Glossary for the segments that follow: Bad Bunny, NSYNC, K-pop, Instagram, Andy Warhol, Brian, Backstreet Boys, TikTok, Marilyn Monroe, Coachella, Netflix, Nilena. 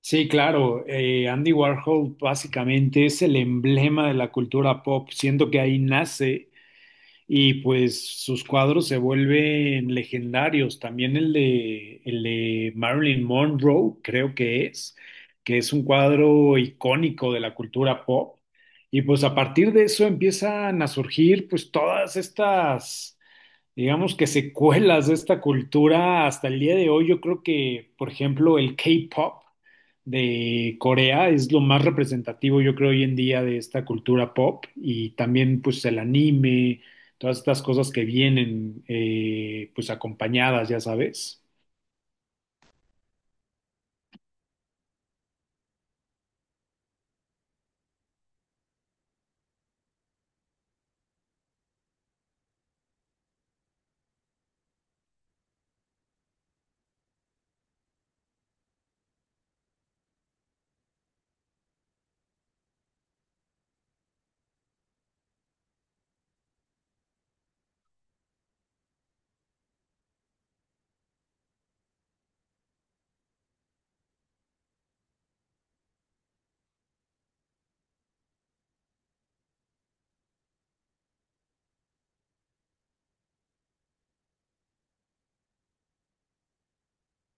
Sí, claro. Andy Warhol básicamente es el emblema de la cultura pop. Siento que ahí nace y pues sus cuadros se vuelven legendarios. También el de Marilyn Monroe, creo que es un cuadro icónico de la cultura pop. Y pues a partir de eso empiezan a surgir pues todas estas, digamos, que secuelas de esta cultura hasta el día de hoy. Yo creo que, por ejemplo, el K-pop de Corea es lo más representativo, yo creo, hoy en día de esta cultura pop y también pues el anime, todas estas cosas que vienen, pues, acompañadas, ya sabes.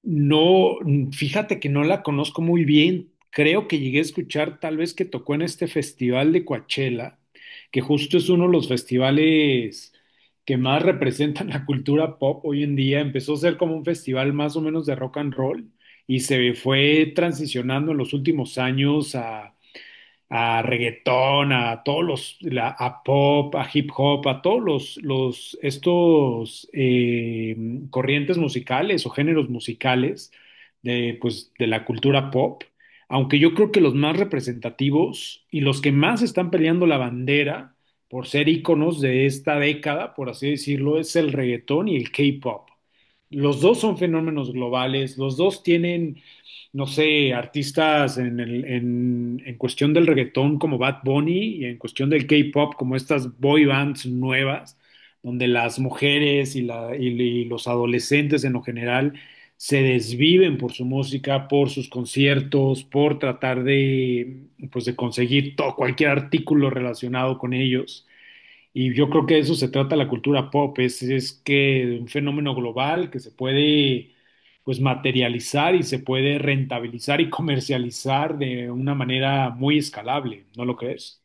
No, mm, fíjate que no la conozco muy bien. Creo que llegué a escuchar tal vez que tocó en este festival de Coachella, que justo es uno de los festivales que más representan la cultura pop hoy en día. Empezó a ser como un festival más o menos de rock and roll y se fue transicionando en los últimos años a reggaetón, a a pop, a hip hop, a los estos, corrientes musicales o géneros musicales de, pues, de la cultura pop, aunque yo creo que los más representativos y los que más están peleando la bandera por ser íconos de esta década, por así decirlo, es el reggaetón y el K-pop. Los dos son fenómenos globales, los dos tienen, no sé, artistas en cuestión del reggaetón como Bad Bunny y en cuestión del K-pop como estas boy bands nuevas, donde las mujeres y y- los adolescentes en lo general se desviven por su música, por sus conciertos, por tratar de, pues, de conseguir todo, cualquier artículo relacionado con ellos. Y yo creo que de eso se trata la cultura pop, es que un fenómeno global que se puede, pues, materializar y se puede rentabilizar y comercializar de una manera muy escalable, ¿no lo crees?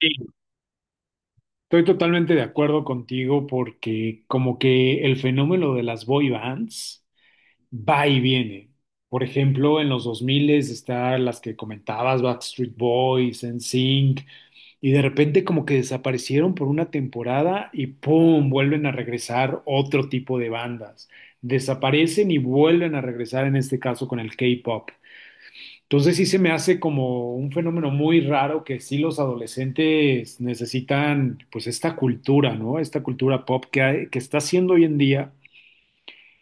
Sí. Estoy totalmente de acuerdo contigo porque como que el fenómeno de las boy bands va y viene. Por ejemplo, en los 2000 están las que comentabas, Backstreet Boys, NSYNC. Y de repente como que desaparecieron por una temporada y ¡pum!, vuelven a regresar otro tipo de bandas. Desaparecen y vuelven a regresar en este caso con el K-pop. Entonces sí se me hace como un fenómeno muy raro que sí los adolescentes necesitan pues esta cultura, ¿no? Esta cultura pop que, que está siendo hoy en día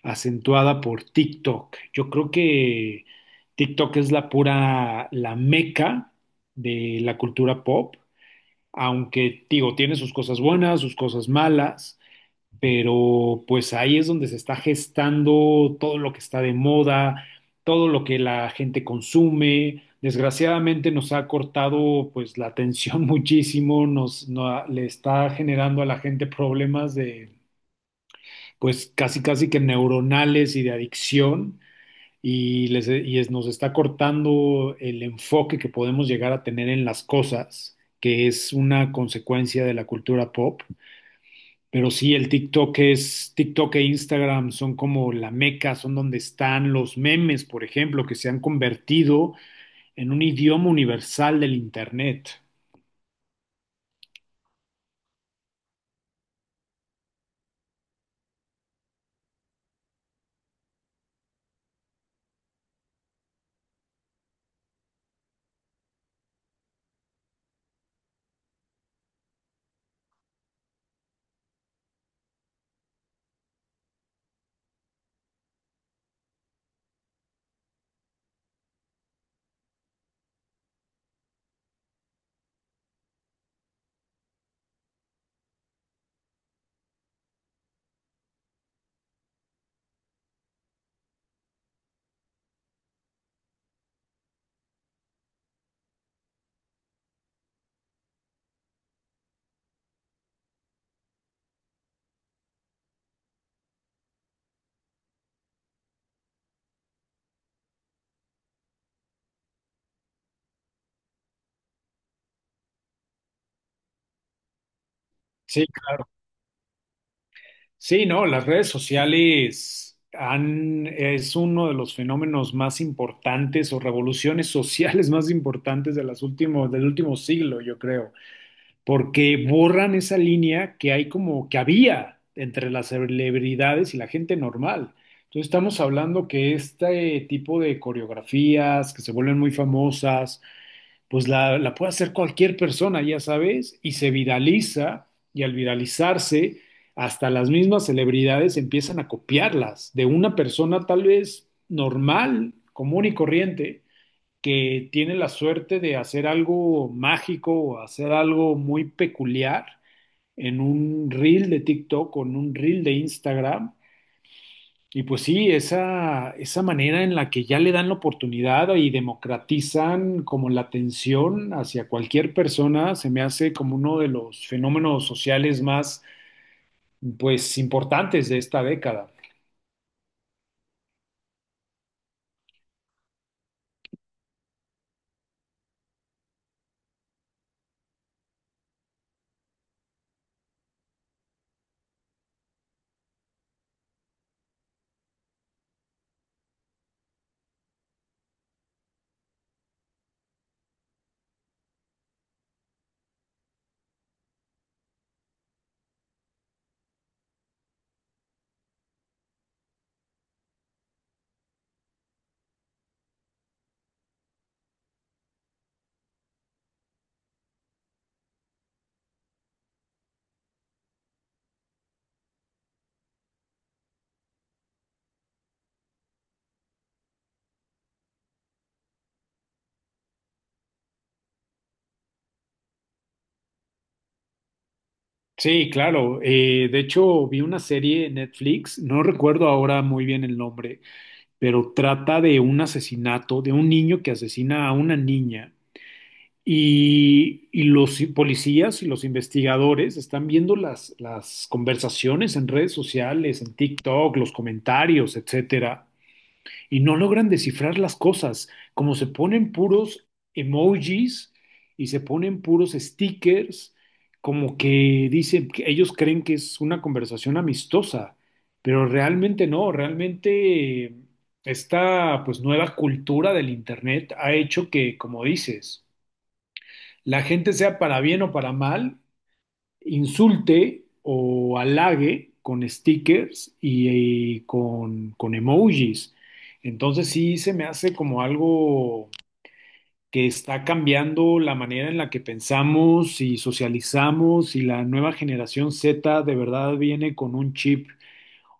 acentuada por TikTok. Yo creo que TikTok es la pura, la meca de la cultura pop, aunque digo, tiene sus cosas buenas, sus cosas malas, pero pues ahí es donde se está gestando todo lo que está de moda, todo lo que la gente consume. Desgraciadamente nos ha cortado pues la atención muchísimo, nos no- le está generando a la gente problemas de, pues, casi casi que neuronales y de adicción y, les, e, y es- nos está cortando el enfoque que podemos llegar a tener en las cosas, que es una consecuencia de la cultura pop. Pero sí, TikTok e Instagram son como la meca, son donde están los memes, por ejemplo, que se han convertido en un idioma universal del internet. Sí. Sí, no, las redes sociales han, es uno de los fenómenos más importantes o revoluciones sociales más importantes de del último siglo, yo creo, porque borran esa línea que hay, como que había, entre las celebridades y la gente normal. Entonces estamos hablando que este tipo de coreografías que se vuelven muy famosas, pues la puede hacer cualquier persona, ya sabes, y se viraliza, y al viralizarse, hasta las mismas celebridades empiezan a copiarlas de una persona tal vez normal, común y corriente, que tiene la suerte de hacer algo mágico o hacer algo muy peculiar en un reel de TikTok o en un reel de Instagram. Y pues sí, esa manera en la que ya le dan la oportunidad y democratizan como la atención hacia cualquier persona se me hace como uno de los fenómenos sociales más, pues, importantes de esta década. Sí, claro. De hecho, vi una serie en Netflix, no recuerdo ahora muy bien el nombre, pero trata de un asesinato, de un niño que asesina a una niña. Y los policías y los investigadores están viendo las conversaciones en redes sociales, en TikTok, los comentarios, etcétera, y no logran descifrar las cosas, como se ponen puros emojis y se ponen puros stickers, como que dicen que ellos creen que es una conversación amistosa, pero realmente no, realmente esta, pues, nueva cultura del internet ha hecho que, como dices, la gente, sea para bien o para mal, insulte o halague con stickers y, con emojis. Entonces sí se me hace como algo que está cambiando la manera en la que pensamos y socializamos, y la nueva generación Z de verdad viene con un chip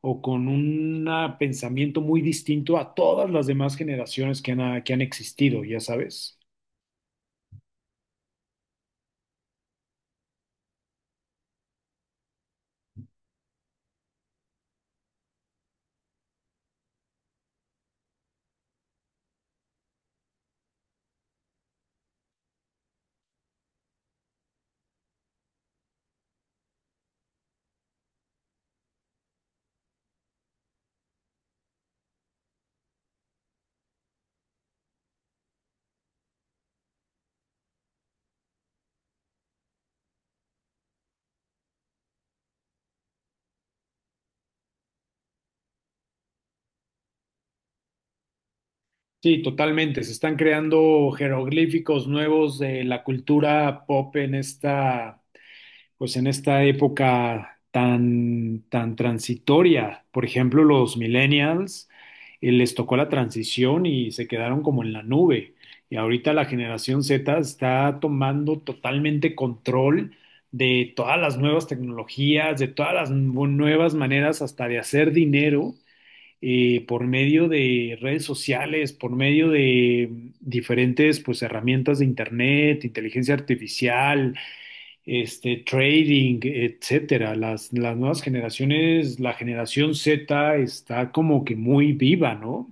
o con un, pensamiento muy distinto a todas las demás generaciones que han existido, ya sabes. Sí, totalmente. Se están creando jeroglíficos nuevos de la cultura pop en esta, pues en esta época tan, tan transitoria. Por ejemplo, los millennials, les tocó la transición y se quedaron como en la nube. Y ahorita la generación Z está tomando totalmente control de todas las nuevas tecnologías, de todas las nuevas maneras hasta de hacer dinero, por medio de redes sociales, por medio de, diferentes pues herramientas de internet, inteligencia artificial, este, trading, etcétera. Las nuevas generaciones, la generación Z está como que muy viva, ¿no?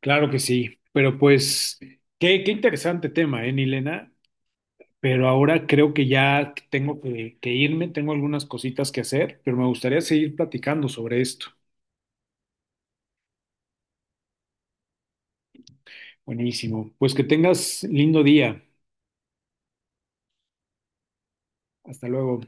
Claro que sí, pero pues, qué interesante tema, ¿eh, Nilena? Pero ahora creo que ya tengo que irme, tengo algunas cositas que hacer, pero me gustaría seguir platicando sobre esto. Buenísimo. Pues que tengas lindo día. Hasta luego.